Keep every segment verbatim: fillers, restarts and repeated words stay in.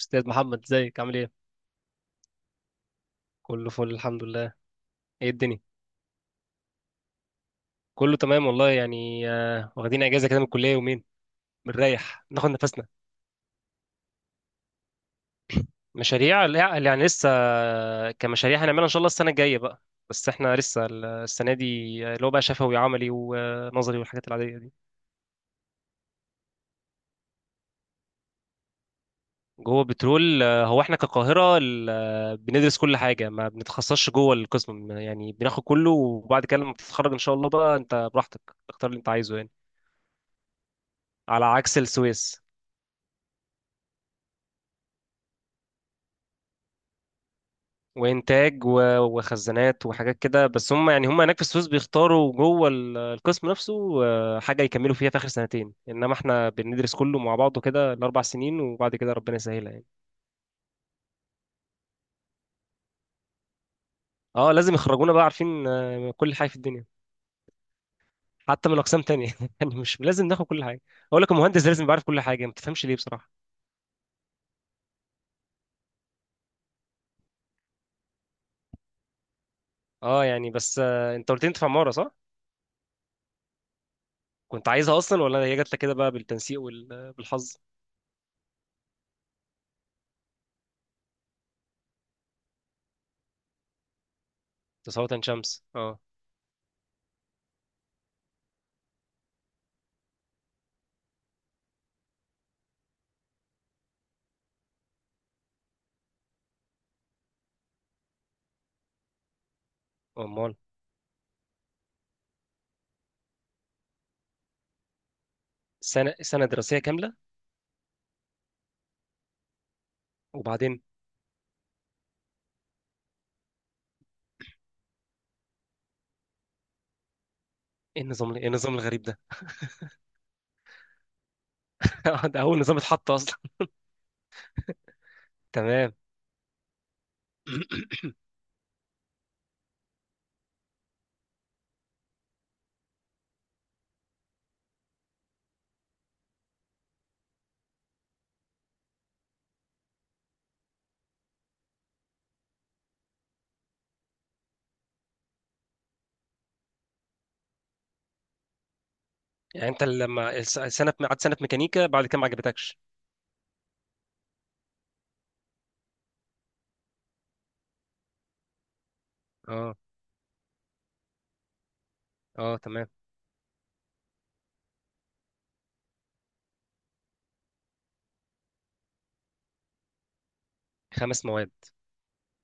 استاذ محمد، ازيك؟ عامل ايه؟ كله فل، الحمد لله. ايه الدنيا؟ كله تمام والله، يعني آه، واخدين اجازه كده من الكليه يومين، بنريح ناخد نفسنا. مشاريع لا، يعني لسه آه، كمشاريع هنعملها ان شاء الله السنه الجايه بقى. بس احنا لسه ال- السنه دي آه، اللي هو بقى شفوي وعملي ونظري والحاجات العاديه دي. جوه بترول آه، هو احنا كقاهره ال- آه، بندرس كل حاجه، ما بنتخصصش جوه القسم يعني، بناخد كله وبعد كده لما بتتخرج ان شاء الله بقى انت براحتك تختار اللي انت عايزه يعني. على عكس السويس. وانتاج و- وخزانات وحاجات كده، بس هم يعني هم هناك في السويس بيختاروا جوه ال- القسم نفسه آه، حاجه يكملوا فيها في اخر سنتين، انما احنا بندرس كله مع بعضه كده الاربع سنين، وبعد كده ربنا يسهلها يعني. اه، لازم يخرجونا بقى عارفين آه، كل حاجه في الدنيا، حتى من اقسام تانية يعني مش لازم ناخد كل حاجه. اقول لك، المهندس لازم يبقى عارف كل حاجه، ما تفهمش ليه بصراحه. اه يعني، بس آه، انت قلت لي انت في عماره، صح؟ كنت عايزها اصلا ولا هي جات لك كده بقى بالتنسيق وبالحظ؟ تساوي عين شمس، اه. امال. سنه سنه دراسيه كامله. وبعدين؟ ايه النظام ايه النظام الغريب ده؟ ده اول نظام اتحط اصلا. تمام. يعني انت لما الس- سنه قعدت سنه في ميكانيكا بعد كده ما عجبتكش؟ اه اه، تمام. خمس مواد؟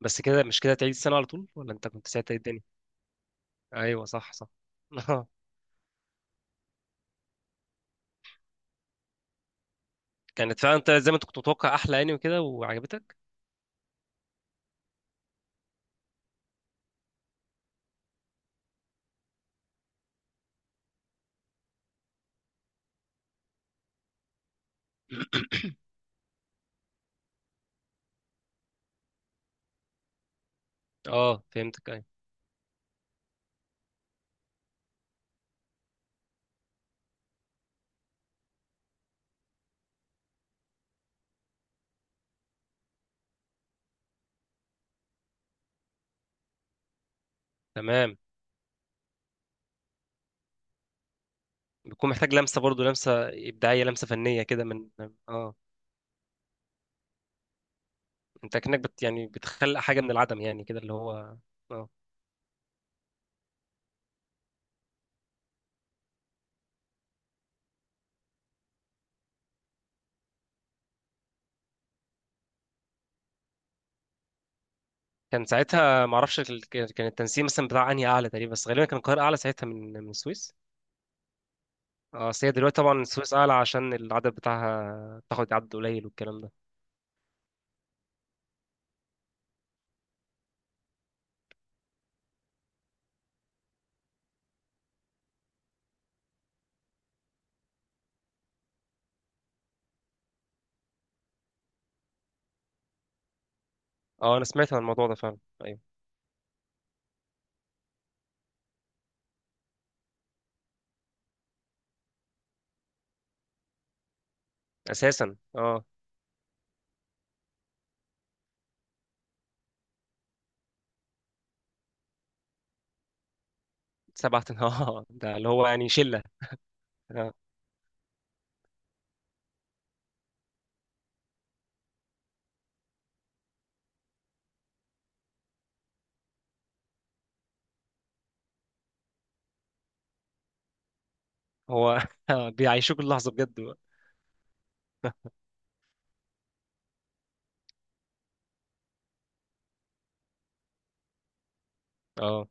بس كده؟ مش كده تعيد السنه على طول، ولا انت كنت ساعتها ايه الدنيا؟ ايوه، صح صح. اه. كانت فعلا انت زي ما انت كنت متوقع، احلى يعني وكده وعجبتك؟ اه، فهمتك، ايوه. تمام. بيكون محتاج لمسه برضو، لمسه ابداعيه، لمسه فنيه كده من. اه. انت كأنك بت يعني بتخلق حاجه من العدم يعني كده، اللي هو. اه. كان ساعتها ما اعرفش ال- كان كان التنسيق مثلا بتاع انهي اعلى تقريبا، بس غالبا كان القاهره اعلى ساعتها من من السويس. اه، بس هي دلوقتي طبعا السويس اعلى عشان العدد بتاعها، بتاخد عدد قليل والكلام ده. اه، انا سمعت عن الموضوع ده فعلا. ايوه. اساسا، اه. سبعة. اه، ده اللي هو يعني شله. آه. هو آه، بيعيشوك اللحظه بجد بقى. اه.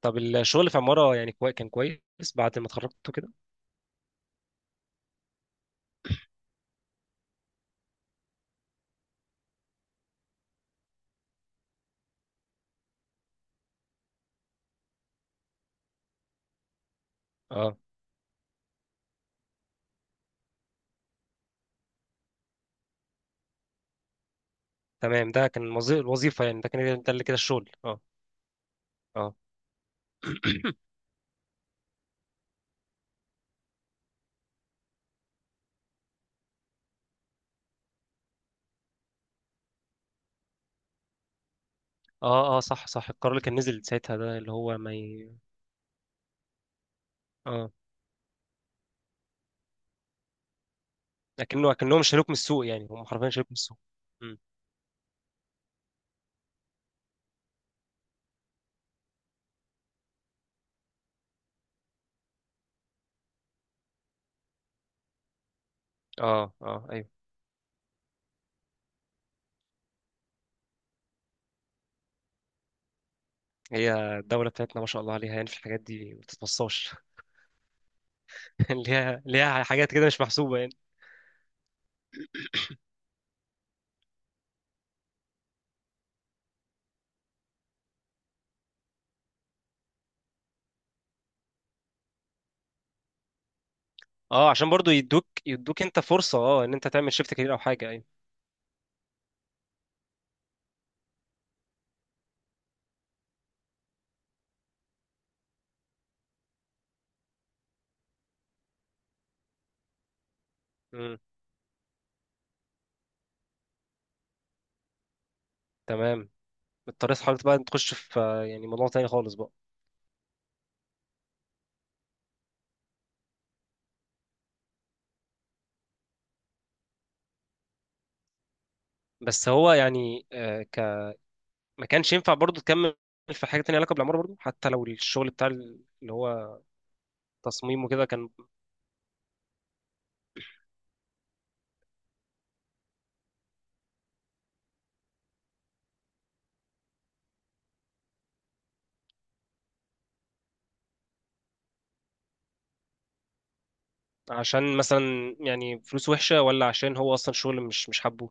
طب الشغل في عماره يعني كوي... كان كويس بعد ما اتخرجت كده؟ اه، تمام. ده كان وظي- الوظيفه يعني، ده كان ده اللي كده الشغل، اه اه اه اه، صح صح. القرار اللي كان نزل ساعتها، ده اللي هو ما ي... اه. لكنه لكنهم شالوك من السوق، يعني هم حرفيا شالوك من السوق. مم. اه اه، ايوه. هي الدولة بتاعتنا ما شاء الله عليها، يعني في الحاجات دي ما بتتوصاش. ليها ليها حاجات كده مش محسوبة يعني. اه، عشان برضو يدوك يدوك انت فرصة، اه، ان انت تعمل شيفت كارير او حاجة، ايوه. مم. تمام. اضطريت حضرتك بقى تخش في آه، يعني موضوع تاني خالص بقى؟ بس هو يعني آه ك... ما كانش ينفع برضو تكمل في حاجة تانية علاقة بالعمارة برضو، حتى لو الشغل بتاع ال- اللي هو تصميم وكده كان؟ عشان مثلا يعني فلوس وحشة، ولا عشان هو أصلا شغل مش مش حابه؟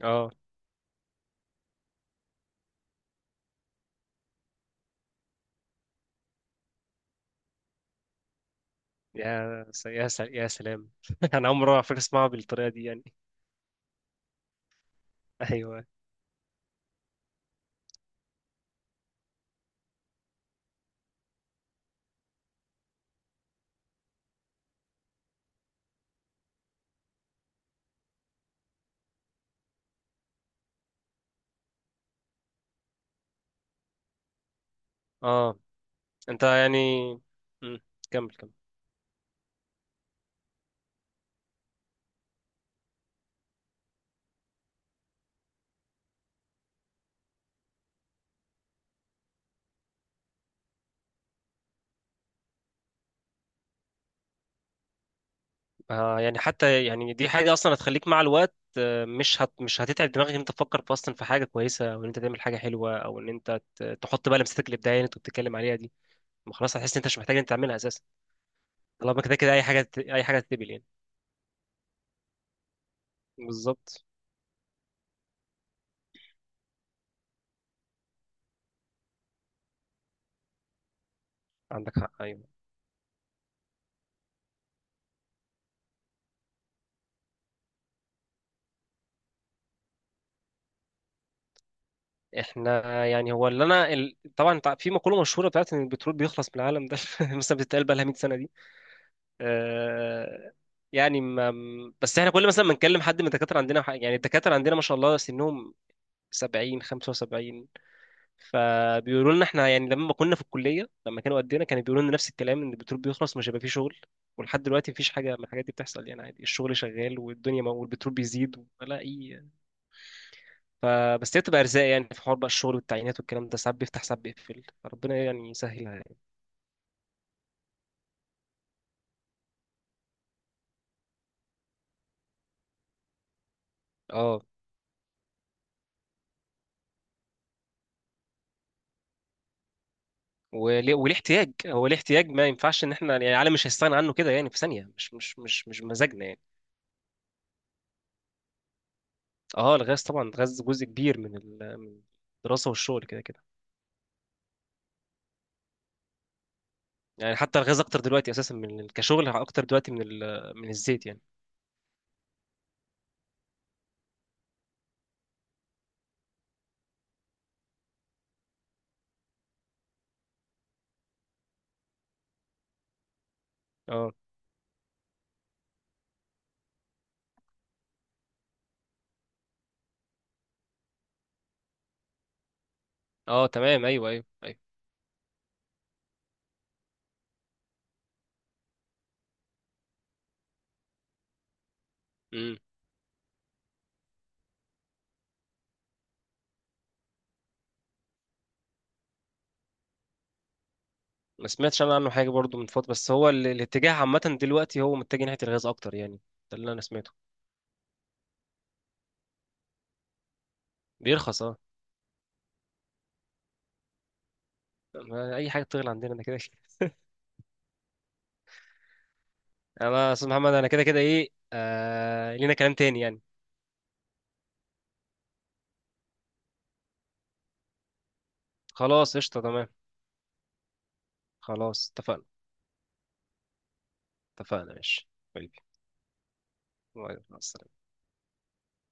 اه. يا س... يا س... يا سلام. أنا أول مرة على فكرة أسمعها بالطريقة دي يعني. أيوه. اه، أنت يعني. مم. كمل كمل. آه يعني، حتى يعني دي حاجة أصلا هتخليك مع الوقت آه، مش هت... مش هتتعب دماغك إن أنت تفكر في أصلا في حاجة كويسة، أو إن أنت تعمل حاجة حلوة، أو إن أنت ت... تحط بقى لمستك الإبداعية اللي أنت بتتكلم عليها دي. ما خلاص، هتحس إن أنت مش محتاج إن أنت تعملها أساسا، طالما كده كده أي حاجة ت... أي حاجة تتقبل يعني. بالظبط. عندك حق، أيوه. احنا يعني هو اللي انا ال... طبعا تع- في مقوله مشهوره بتاعت ان البترول بيخلص من العالم ده، مثلا بتتقال بقى لها مئة سنة سنه دي آه، يعني ما... بس احنا كل مثلا ما نكلم حد من الدكاتره عندنا ح- يعني الدكاتره عندنا ما شاء الله سنهم سبعين، خمسة وسبعين، فبيقولوا لنا احنا يعني لما كنا في الكليه لما كانوا قدنا كانوا بيقولوا لنا نفس الكلام ان البترول بيخلص، مش هيبقى فيه شغل، ولحد دلوقتي مفيش حاجه من الحاجات دي بتحصل يعني. عادي الشغل شغال، والدنيا م... والبترول بيزيد ولا اي. فبس هي بتبقى ارزاق يعني، في حوار بقى الشغل والتعيينات والكلام ده ساعات بيفتح ساعات بيقفل، ربنا يعني يسهلها يعني. اه. وليه وليه احتياج، هو ليه احتياج؟ ما ينفعش ان احنا يعني العالم مش هيستغنى عنه كده يعني في ثانيه، مش مش مش مش بمزاجنا يعني. اه، الغاز طبعا الغاز جزء كبير من ال- من الدراسه والشغل كده كده. يعني حتى الغاز اكتر دلوقتي اساسا من ال- كشغل، اكتر دلوقتي من ال- من الزيت يعني. اه اه، تمام. ايوه ايوه ايوه. امم. ما سمعتش انا عنه حاجه برضو من فتره، بس هو ال- الاتجاه عامه دلوقتي هو متجه ناحيه الغاز اكتر يعني، ده اللي انا سمعته. بيرخص، اه. ما اي حاجه بتغلى عندنا، انا كده كده. انا استاذ محمد، انا كده كده ايه آه... لينا كلام تاني يعني. خلاص، قشطه، تمام. خلاص اتفقنا. اتفقنا، ماشي. حبيبي، مع السلامة.